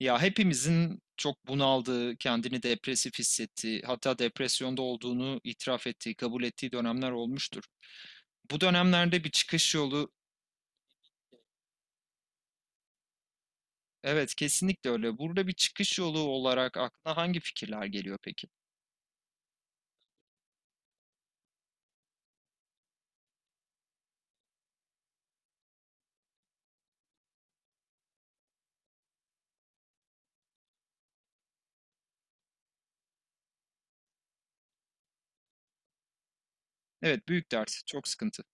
Ya hepimizin çok bunaldığı, kendini depresif hissettiği, hatta depresyonda olduğunu itiraf ettiği, kabul ettiği dönemler olmuştur. Bu dönemlerde bir çıkış yolu, evet kesinlikle öyle. Burada bir çıkış yolu olarak aklına hangi fikirler geliyor peki? Evet, büyük dert, çok sıkıntı.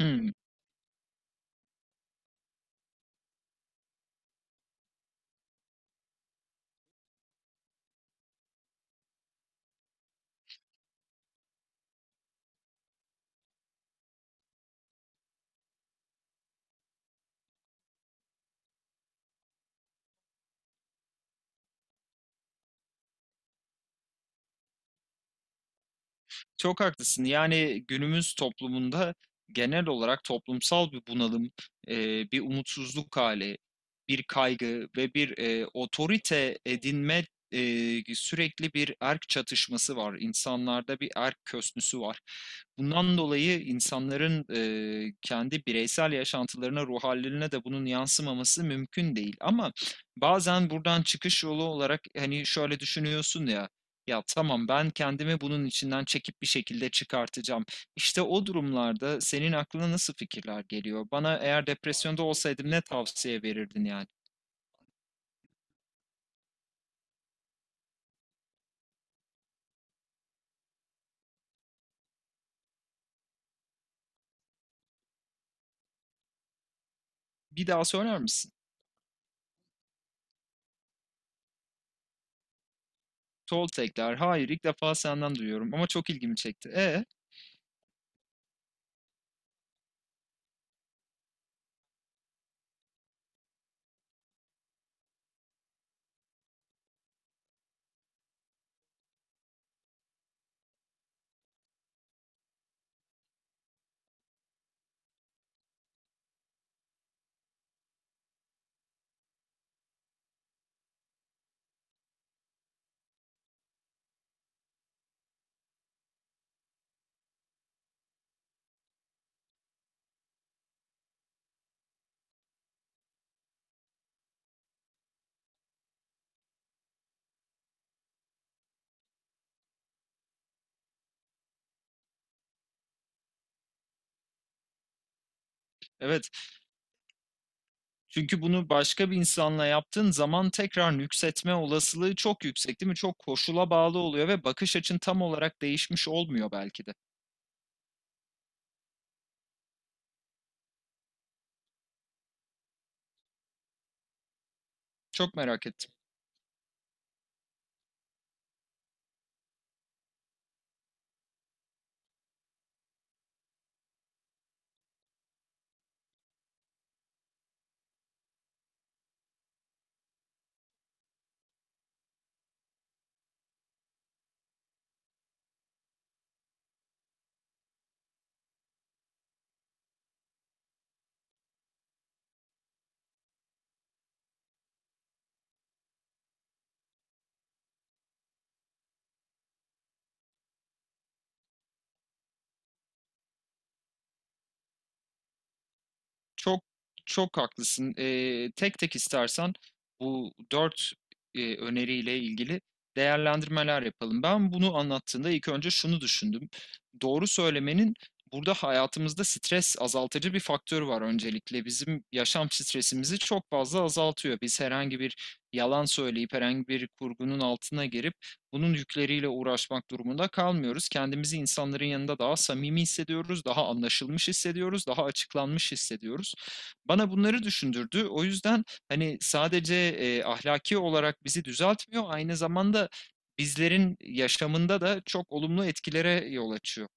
Hmm. Çok haklısın. Yani günümüz toplumunda genel olarak toplumsal bir bunalım, bir umutsuzluk hali, bir kaygı ve bir otorite edinme, sürekli bir erk çatışması var. İnsanlarda bir erk kösnüsü var. Bundan dolayı insanların kendi bireysel yaşantılarına, ruh hallerine de bunun yansımaması mümkün değil. Ama bazen buradan çıkış yolu olarak hani şöyle düşünüyorsun ya. Ya tamam, ben kendimi bunun içinden çekip bir şekilde çıkartacağım. İşte o durumlarda senin aklına nasıl fikirler geliyor? Bana eğer depresyonda olsaydım ne tavsiye verirdin yani? Bir daha söyler misin? Toltekler. Hayır, ilk defa senden duyuyorum ama çok ilgimi çekti. E, evet. Çünkü bunu başka bir insanla yaptığın zaman tekrar nüksetme olasılığı çok yüksek, değil mi? Çok koşula bağlı oluyor ve bakış açın tam olarak değişmiş olmuyor belki de. Çok merak ettim. Çok çok haklısın. Tek tek istersen bu 4 öneriyle ilgili değerlendirmeler yapalım. Ben bunu anlattığında ilk önce şunu düşündüm. Doğru söylemenin burada hayatımızda stres azaltıcı bir faktörü var öncelikle. Bizim yaşam stresimizi çok fazla azaltıyor. Biz herhangi bir yalan söyleyip herhangi bir kurgunun altına girip bunun yükleriyle uğraşmak durumunda kalmıyoruz. Kendimizi insanların yanında daha samimi hissediyoruz, daha anlaşılmış hissediyoruz, daha açıklanmış hissediyoruz. Bana bunları düşündürdü. O yüzden hani sadece e, ahlaki olarak bizi düzeltmiyor, aynı zamanda bizlerin yaşamında da çok olumlu etkilere yol açıyor.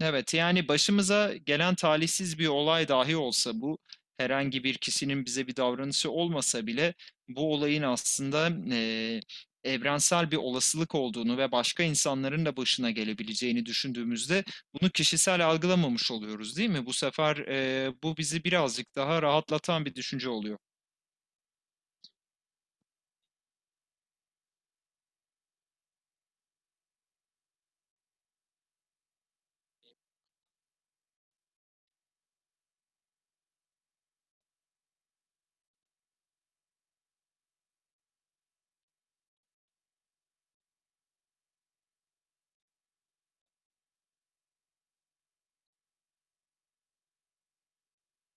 Evet, yani başımıza gelen talihsiz bir olay dahi olsa bu, herhangi bir kişinin bize bir davranışı olmasa bile bu olayın aslında eee, evrensel bir olasılık olduğunu ve başka insanların da başına gelebileceğini düşündüğümüzde bunu kişisel algılamamış oluyoruz değil mi? Bu sefer bu bizi birazcık daha rahatlatan bir düşünce oluyor.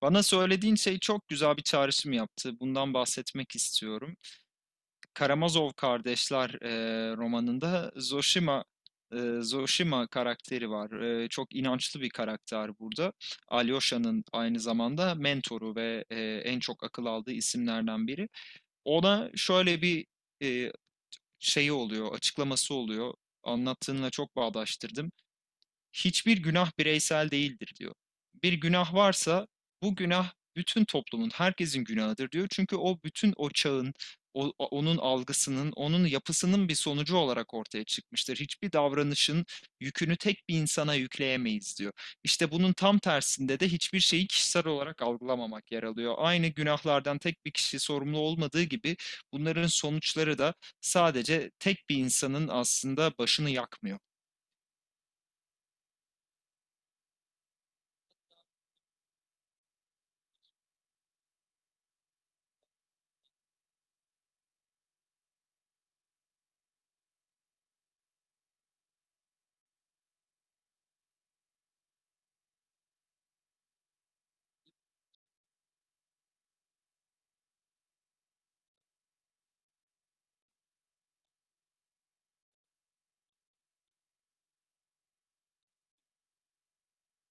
Bana söylediğin şey çok güzel bir çağrışım yaptı. Bundan bahsetmek istiyorum. Karamazov Kardeşler romanında Zoshima karakteri var. E, çok inançlı bir karakter burada. Alyosha'nın aynı zamanda mentoru ve en çok akıl aldığı isimlerden biri. Ona şöyle bir e, şeyi oluyor, açıklaması oluyor. Anlattığınla çok bağdaştırdım, hiçbir günah bireysel değildir diyor. Bir günah varsa bu günah bütün toplumun, herkesin günahıdır diyor. Çünkü o bütün o çağın, onun algısının, onun yapısının bir sonucu olarak ortaya çıkmıştır. Hiçbir davranışın yükünü tek bir insana yükleyemeyiz diyor. İşte bunun tam tersinde de hiçbir şeyi kişisel olarak algılamamak yer alıyor. Aynı günahlardan tek bir kişi sorumlu olmadığı gibi bunların sonuçları da sadece tek bir insanın aslında başını yakmıyor.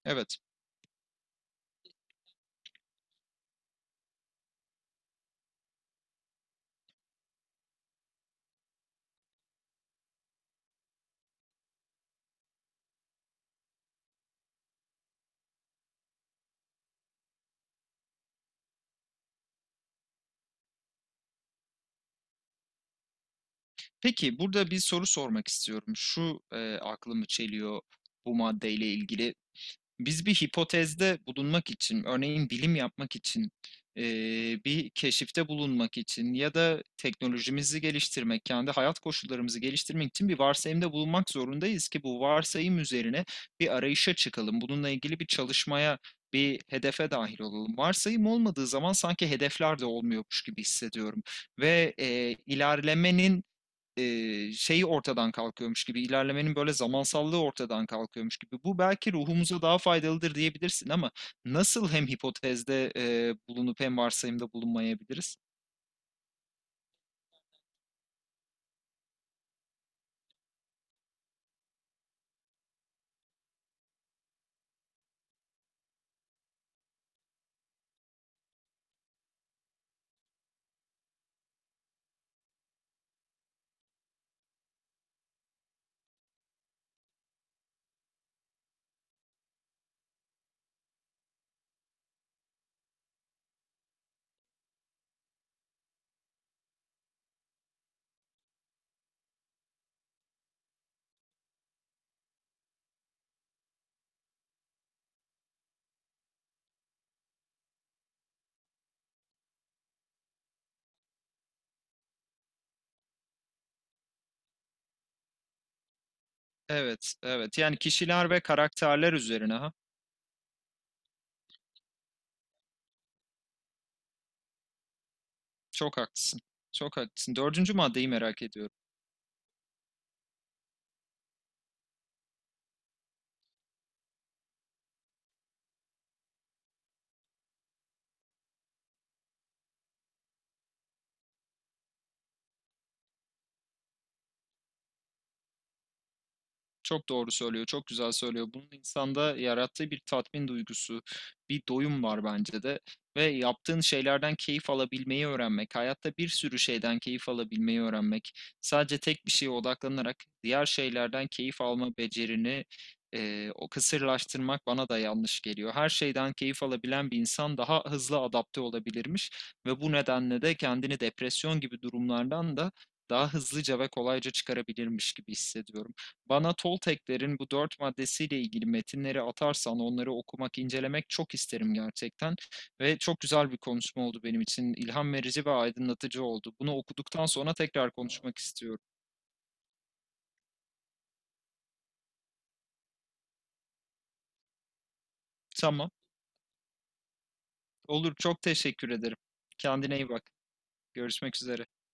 Evet. Peki burada bir soru sormak istiyorum. Şu aklımı çeliyor bu maddeyle ilgili. Biz bir hipotezde bulunmak için, örneğin bilim yapmak için, bir keşifte bulunmak için ya da teknolojimizi geliştirmek, kendi hayat koşullarımızı geliştirmek için bir varsayımda bulunmak zorundayız ki bu varsayım üzerine bir arayışa çıkalım. Bununla ilgili bir çalışmaya, bir hedefe dahil olalım. Varsayım olmadığı zaman sanki hedefler de olmuyormuş gibi hissediyorum ve, ilerlemenin şeyi ortadan kalkıyormuş gibi, ilerlemenin böyle zamansallığı ortadan kalkıyormuş gibi. Bu belki ruhumuza daha faydalıdır diyebilirsin ama nasıl hem hipotezde bulunup hem varsayımda bulunmayabiliriz? Evet, evet. Yani kişiler ve karakterler üzerine, ha. Çok haklısın. Çok haklısın. Dördüncü maddeyi merak ediyorum. Çok doğru söylüyor, çok güzel söylüyor. Bunun insanda yarattığı bir tatmin duygusu, bir doyum var bence de. Ve yaptığın şeylerden keyif alabilmeyi öğrenmek, hayatta bir sürü şeyden keyif alabilmeyi öğrenmek, sadece tek bir şeye odaklanarak diğer şeylerden keyif alma becerini o kısırlaştırmak bana da yanlış geliyor. Her şeyden keyif alabilen bir insan daha hızlı adapte olabilirmiş ve bu nedenle de kendini depresyon gibi durumlardan da daha hızlıca ve kolayca çıkarabilirmiş gibi hissediyorum. Bana Tolteklerin bu dört maddesiyle ilgili metinleri atarsan onları okumak, incelemek çok isterim gerçekten. Ve çok güzel bir konuşma oldu benim için. İlham verici ve aydınlatıcı oldu. Bunu okuduktan sonra tekrar konuşmak istiyorum. Tamam. Olur. Çok teşekkür ederim. Kendine iyi bak. Görüşmek üzere.